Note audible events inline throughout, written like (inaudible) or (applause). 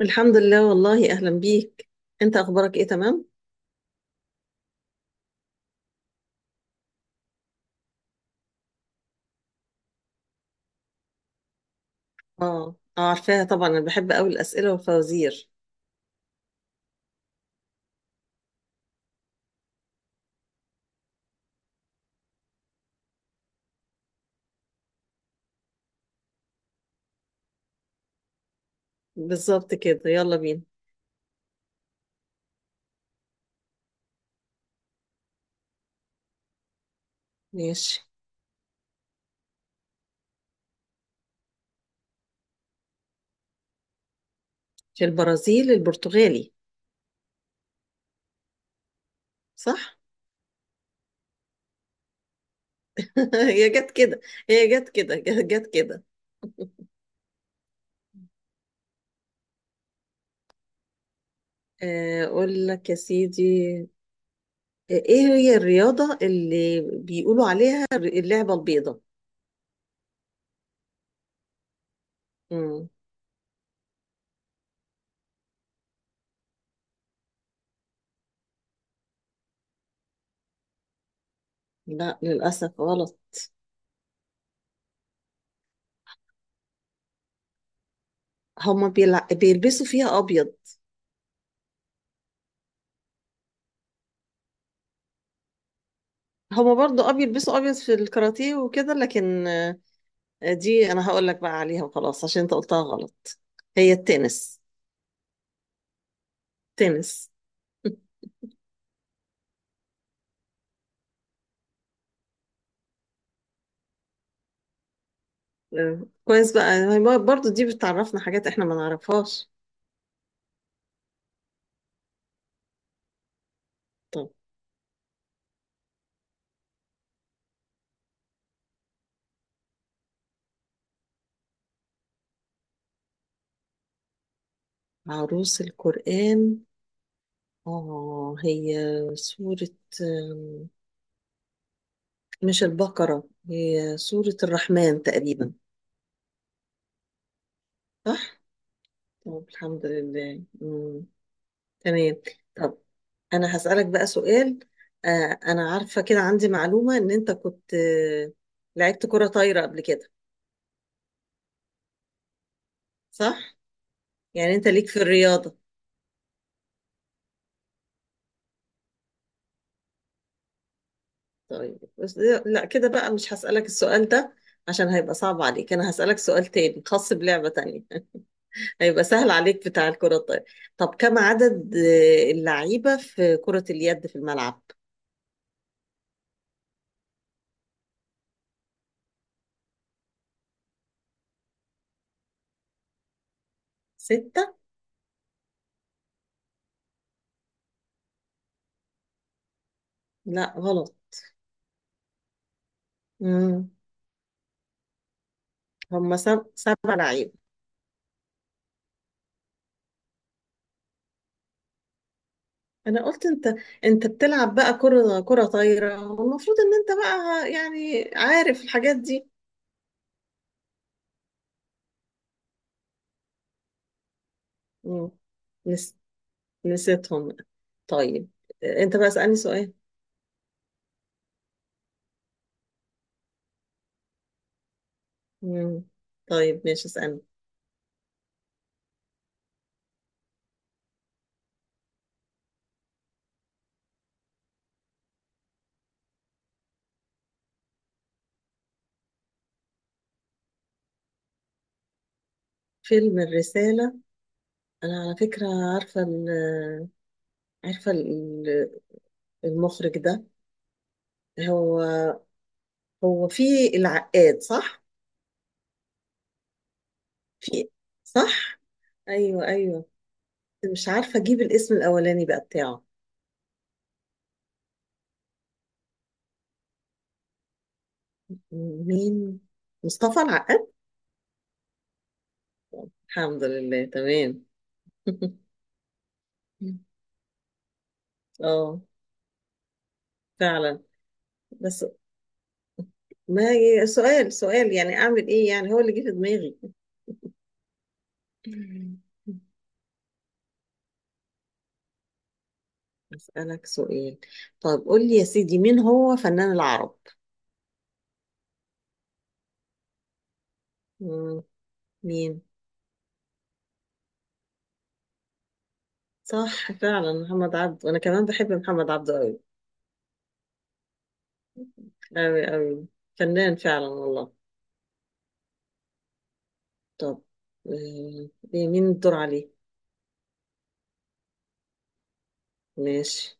الحمد لله والله، اهلا بيك. انت اخبارك ايه؟ تمام. اه اه عارفاها طبعا. انا بحب قوي الاسئله والفوازير. بالظبط كده، يلا بينا. ماشي. في البرازيل البرتغالي. صح. (laughs) هي جت كده. هي جت كده (laughs) جت كده. اقول لك يا سيدي. ايه هي الرياضه اللي بيقولوا عليها اللعبه البيضاء؟ مم. لا، للاسف غلط. هما بيلبسوا فيها ابيض. هما برضو ابيض، بيلبسوا ابيض في الكاراتيه وكده، لكن دي انا هقول لك بقى عليها وخلاص عشان انت قلتها غلط. هي التنس. تنس. كويس بقى. هي برضو دي بتعرفنا حاجات احنا ما نعرفهاش. طب عروس القرآن؟ اه هي سورة آم، مش البقرة، هي سورة الرحمن تقريبا. صح؟ طب الحمد لله. مم. تمام. طب انا هسألك بقى سؤال. انا عارفة كده عندي معلومة ان انت كنت لعبت كرة طايرة قبل كده. صح؟ يعني انت ليك في الرياضة. طيب بس، لا كده بقى مش هسألك السؤال ده عشان هيبقى صعب عليك. انا هسألك سؤال تاني خاص بلعبة تانية (laughs) هيبقى سهل عليك، بتاع الكرة الطايرة. طب كم عدد اللعيبة في كرة اليد في الملعب؟ ستة؟ لا غلط. مم. هم سبع لعيبة. انا قلت انت، انت بتلعب بقى كرة طايرة والمفروض ان انت بقى يعني عارف الحاجات دي. مم. نس... نسيتهم. طيب انت بقى اسألني سؤال. مم. طيب ماشي، اسألني. فيلم الرسالة. أنا على فكرة عارفة عارفة ال- المخرج ده. هو هو في العقاد، صح؟ في، صح؟ أيوه أيوه. مش عارفة أجيب الاسم الأولاني بقى بتاعه. مين؟ مصطفى العقاد؟ الحمد لله تمام. (laughs) اه فعلا. بس ما، سؤال سؤال يعني، أعمل إيه يعني؟ هو اللي جه في دماغي. (laughs) أسألك سؤال. طيب قول لي يا سيدي، مين هو فنان العرب؟ مم، مين؟ صح، فعلا محمد عبده. أنا كمان بحب محمد عبده أوي. أوي أوي. فنان فعلا والله. طب آه، إيه، مين الدور عليه؟ ماشي.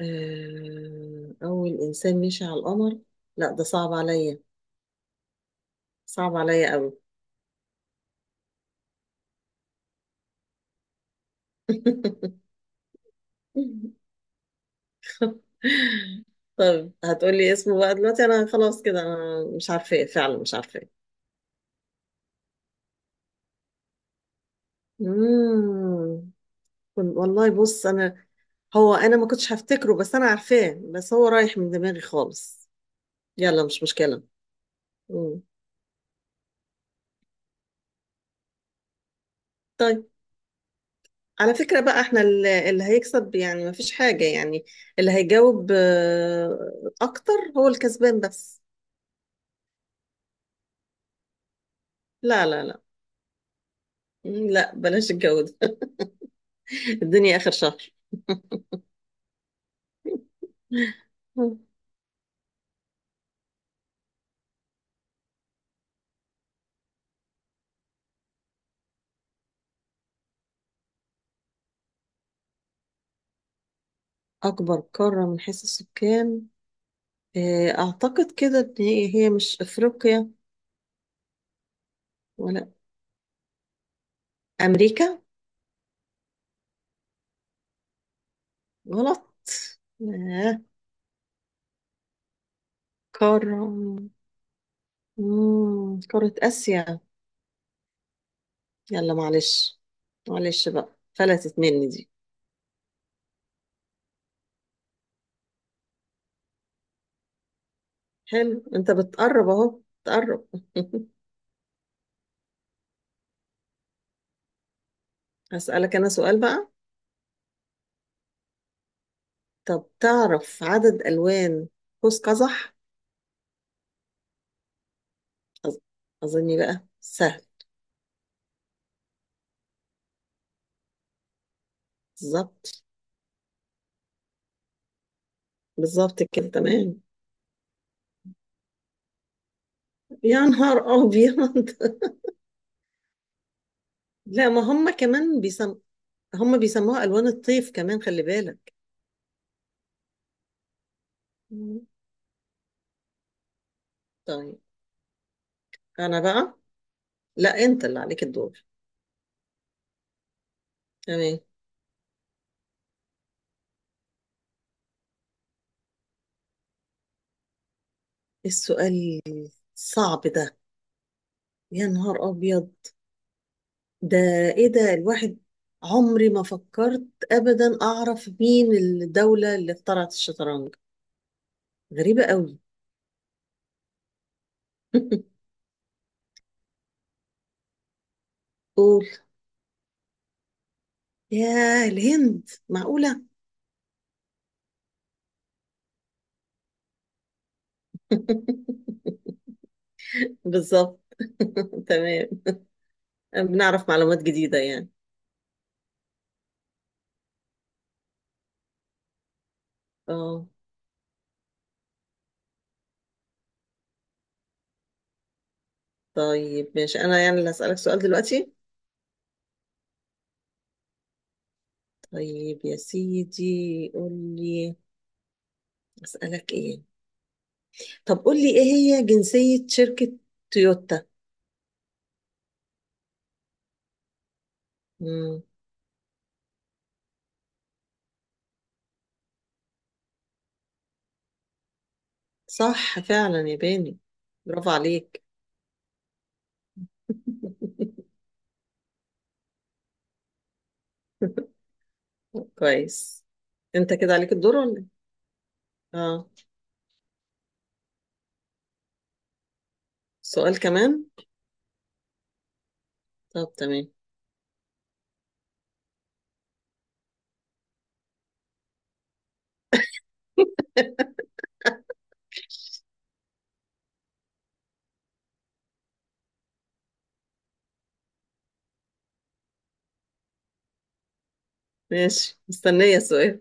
أول إنسان مشي على القمر. لا، ده صعب عليا. صعب عليا أوي. (laughs) طب هتقولي اسمه بقى دلوقتي؟ أنا خلاص كده، أنا مش عارفة فعلا، مش عارفة. مم. والله بص انا، هو انا ما كنتش هفتكره بس انا عارفاه، بس هو رايح من دماغي خالص. يلا، مش مشكلة. مم. طيب. على فكرة بقى، احنا اللي هيكسب، يعني ما فيش حاجة يعني، اللي هيجاوب اكتر هو الكسبان بس. لا لا لا. مم، لا بلاش الجو ده. (laughs) الدنيا اخر شهر. (laughs) اكبر قارة من حيث السكان؟ اعتقد كده ان هي مش افريقيا. ولا امريكا. غلط. آه. قارة. مم. قارة آسيا. يلا معلش. معلش بقى، فلتت مني دي. حلو، انت بتقرب اهو، بتقرب. (laughs) هسألك انا سؤال بقى. طب تعرف عدد ألوان قوس قزح؟ أظ- أظني بقى سهل. بالظبط. بالظبط كده، تمام. يا نهار أبيض. (laughs) لا، ما هم كمان هم بيسموها ألوان الطيف كمان، خلي بالك. مم. طيب. أنا بقى، لا، أنت اللي عليك الدور. تمام. السؤال صعب ده. يا نهار أبيض. ده إيه ده! الواحد عمري ما فكرت أبدا أعرف مين الدولة اللي اخترعت الشطرنج. غريبة قوي. (laughs) قول. يا الهند، معقولة! (laughs) بالظبط. (laughs) تمام. بنعرف معلومات جديدة يعني. اه. طيب ماشي، أنا يعني اللي هسألك سؤال دلوقتي. طيب يا سيدي قول لي، أسألك إيه؟ طب قول لي، إيه هي جنسية شركة تويوتا؟ مم. صح، فعلا ياباني. برافو عليك. (laughs) كويس. انت كده عليك الدور ولا إيه؟ اه، سؤال كمان. طب تمام. ماشي، مستنية السؤال.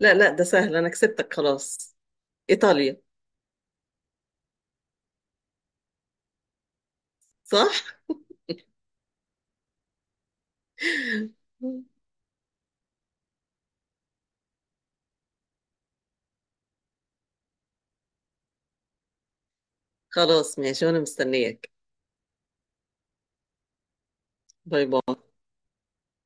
لا لا، ده سهل، انا كسبتك خلاص. ايطاليا. صح. (laughs) خلاص ماشي، وانا مستنياك. باي باي.